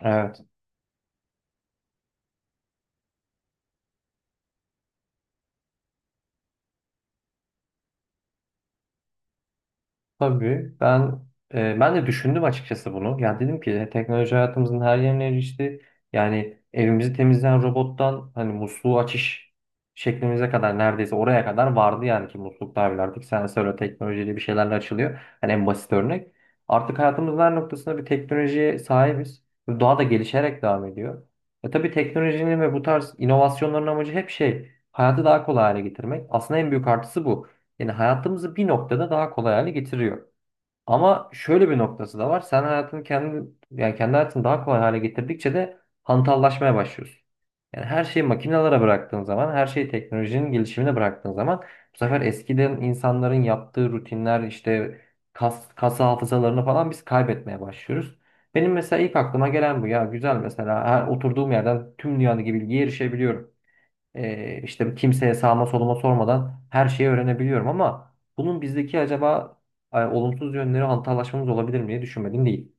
Evet, tabii. Ben de düşündüm açıkçası bunu. Yani dedim ki teknoloji hayatımızın her yerine erişti. Yani evimizi temizleyen robottan hani musluğu açış şeklimize kadar neredeyse oraya kadar vardı yani ki musluklar bile artık sensörle teknolojiyle bir şeylerle açılıyor. Hani en basit örnek. Artık hayatımızın her noktasında bir teknolojiye sahibiz. Ve daha da gelişerek devam ediyor. Tabii teknolojinin ve bu tarz inovasyonların amacı hep şey hayatı daha kolay hale getirmek. Aslında en büyük artısı bu. Yani hayatımızı bir noktada daha kolay hale getiriyor. Ama şöyle bir noktası da var. Sen hayatını yani kendi hayatını daha kolay hale getirdikçe de hantallaşmaya başlıyorsun. Yani her şeyi makinelere bıraktığın zaman, her şeyi teknolojinin gelişimine bıraktığın zaman bu sefer eskiden insanların yaptığı rutinler işte kas hafızalarını falan biz kaybetmeye başlıyoruz. Benim mesela ilk aklıma gelen bu ya, güzel mesela her oturduğum yerden tüm dünyadaki bilgiye erişebiliyorum, işte kimseye sağma soluma sormadan her şeyi öğrenebiliyorum ama bunun bizdeki acaba olumsuz yönleri hantallaşmamız olabilir mi diye düşünmedim değil.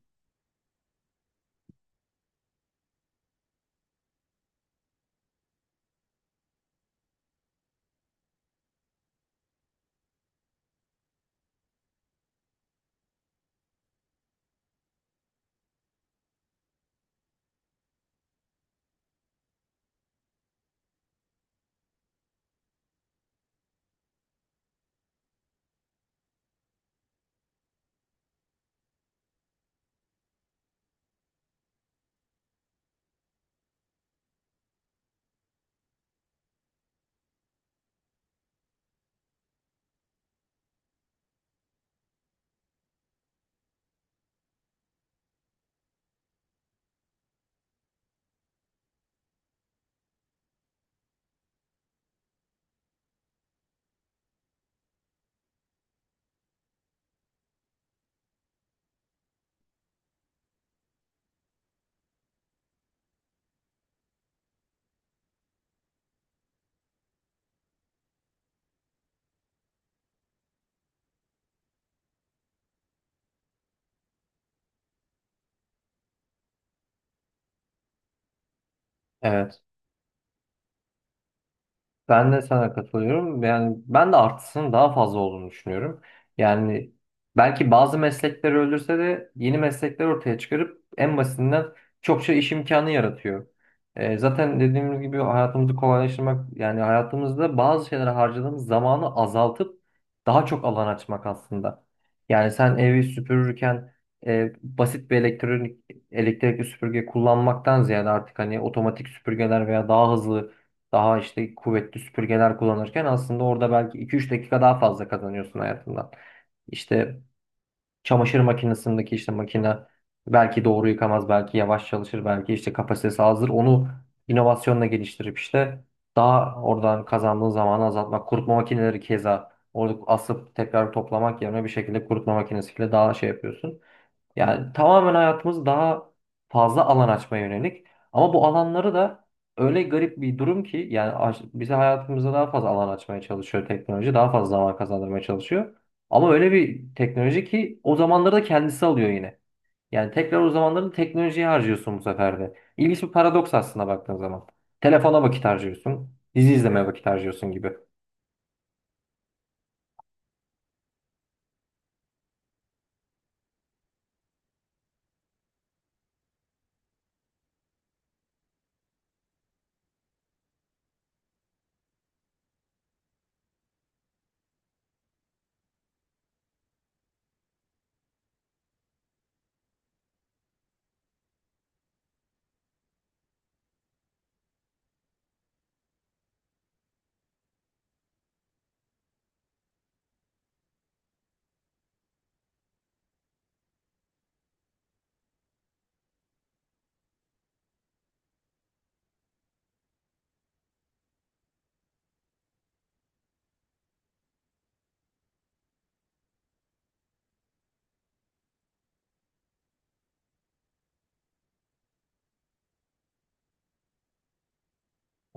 Ben de sana katılıyorum. Yani ben de artısının daha fazla olduğunu düşünüyorum. Yani belki bazı meslekleri öldürse de yeni meslekler ortaya çıkarıp en basitinden çokça iş imkanı yaratıyor. Zaten dediğimiz gibi hayatımızı kolaylaştırmak, yani hayatımızda bazı şeylere harcadığımız zamanı azaltıp daha çok alan açmak aslında. Yani sen evi süpürürken basit bir elektrikli süpürge kullanmaktan ziyade artık hani otomatik süpürgeler veya daha hızlı, daha işte kuvvetli süpürgeler kullanırken aslında orada belki 2-3 dakika daha fazla kazanıyorsun hayatından. İşte çamaşır makinesindeki işte makine belki doğru yıkamaz, belki yavaş çalışır, belki işte kapasitesi azdır. Onu inovasyonla geliştirip işte daha oradan kazandığın zamanı azaltmak. Kurutma makineleri keza, orada asıp tekrar toplamak yerine bir şekilde kurutma makinesiyle daha şey yapıyorsun. Yani tamamen hayatımız daha fazla alan açmaya yönelik. Ama bu alanları da öyle garip bir durum ki yani bize hayatımıza daha fazla alan açmaya çalışıyor teknoloji. Daha fazla zaman kazandırmaya çalışıyor. Ama öyle bir teknoloji ki o zamanları da kendisi alıyor yine. Yani tekrar o zamanları teknolojiye harcıyorsun bu sefer de. İlginç bir paradoks aslında baktığın zaman. Telefona vakit harcıyorsun. Dizi izlemeye vakit harcıyorsun gibi.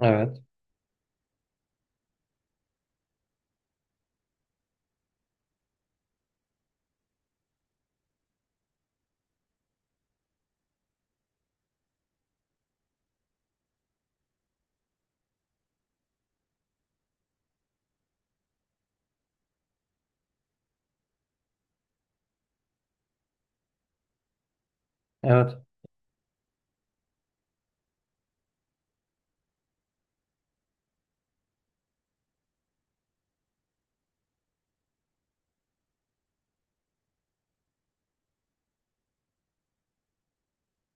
Evet. Evet.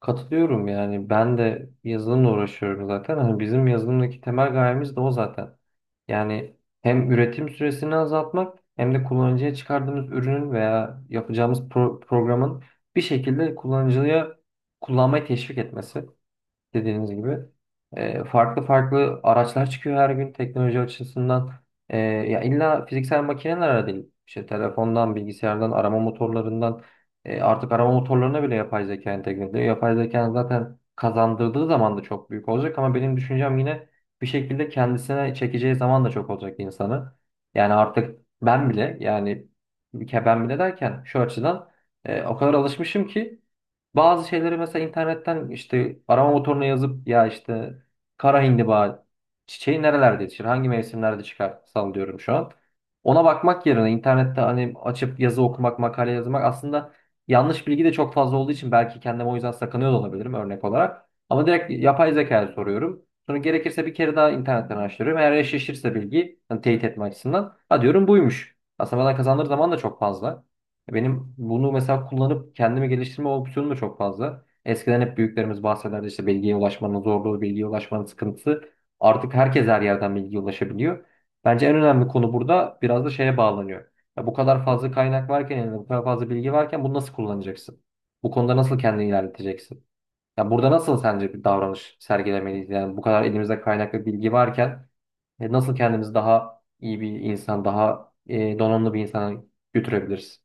Katılıyorum, yani ben de yazılımla uğraşıyorum zaten. Hani bizim yazılımdaki temel gayemiz de o zaten. Yani hem üretim süresini azaltmak hem de kullanıcıya çıkardığımız ürünün veya yapacağımız programın bir şekilde kullanıcıya kullanmayı teşvik etmesi, dediğiniz gibi. Farklı farklı araçlar çıkıyor her gün teknoloji açısından. Ya illa fiziksel makineler değil. İşte telefondan, bilgisayardan, arama motorlarından, artık arama motorlarına bile yapay zeka entegre ediyor. Yapay zeka zaten kazandırdığı zaman da çok büyük olacak ama benim düşüncem yine bir şekilde kendisine çekeceği zaman da çok olacak insanı. Yani artık ben bile, yani ben bile derken şu açıdan o kadar alışmışım ki bazı şeyleri mesela internetten işte arama motoruna yazıp, ya işte kara hindiba çiçeği nerelerde yetişir, hangi mevsimlerde çıkar, sallıyorum şu an. Ona bakmak yerine internette hani açıp yazı okumak, makale yazmak aslında yanlış bilgi de çok fazla olduğu için belki kendim o yüzden sakınıyor da olabilirim örnek olarak. Ama direkt yapay zekaya soruyorum. Sonra gerekirse bir kere daha internetten araştırıyorum. Eğer eşleşirse bilgi, hani teyit etme açısından, ha diyorum buymuş. Aslında bana kazandığı zaman da çok fazla. Benim bunu mesela kullanıp kendimi geliştirme opsiyonum da çok fazla. Eskiden hep büyüklerimiz bahsederdi işte bilgiye ulaşmanın zorluğu, bilgiye ulaşmanın sıkıntısı. Artık herkes her yerden bilgiye ulaşabiliyor. Bence en önemli konu burada biraz da şeye bağlanıyor. Ya bu kadar fazla kaynak varken, yani bu kadar fazla bilgi varken bunu nasıl kullanacaksın? Bu konuda nasıl kendini ilerleteceksin? Ya burada nasıl sence bir davranış sergilemeliyiz? Yani bu kadar elimizde kaynak ve bilgi varken nasıl kendimizi daha iyi bir insan, daha donanımlı bir insana götürebiliriz?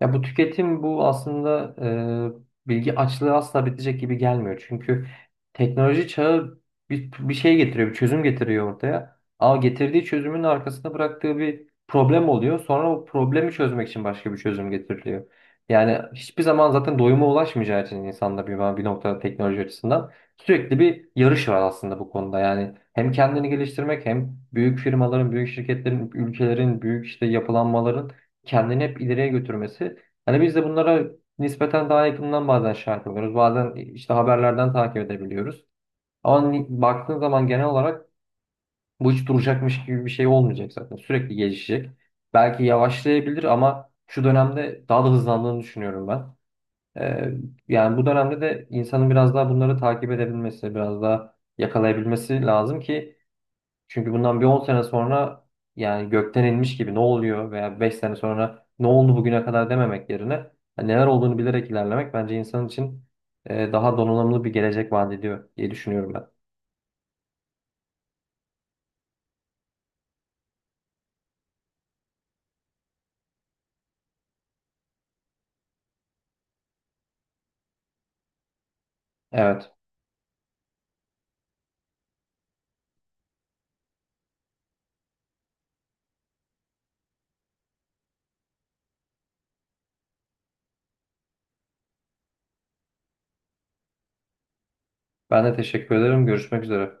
Ya bu tüketim, bu aslında bilgi açlığı asla bitecek gibi gelmiyor. Çünkü teknoloji çağı bir şey getiriyor, bir çözüm getiriyor ortaya. Ama getirdiği çözümün arkasında bıraktığı bir problem oluyor. Sonra o problemi çözmek için başka bir çözüm getiriliyor. Yani hiçbir zaman zaten doyuma ulaşmayacağı için insanlar bir noktada teknoloji açısından sürekli bir yarış var aslında bu konuda. Yani hem kendini geliştirmek hem büyük firmaların, büyük şirketlerin, ülkelerin, büyük işte yapılanmaların kendini hep ileriye götürmesi. Hani biz de bunlara nispeten daha yakından bazen şahit oluyoruz. Bazen işte haberlerden takip edebiliyoruz. Ama baktığın zaman genel olarak bu hiç duracakmış gibi bir şey olmayacak zaten. Sürekli gelişecek. Belki yavaşlayabilir ama şu dönemde daha da hızlandığını düşünüyorum ben. Ee, Yani bu dönemde de insanın biraz daha bunları takip edebilmesi, biraz daha yakalayabilmesi lazım ki çünkü bundan bir 10 sene sonra yani gökten inmiş gibi ne oluyor veya 5 sene sonra ne oldu bugüne kadar dememek yerine hani neler olduğunu bilerek ilerlemek bence insan için daha donanımlı bir gelecek vaat ediyor diye düşünüyorum ben. Evet. Ben de teşekkür ederim. Görüşmek üzere.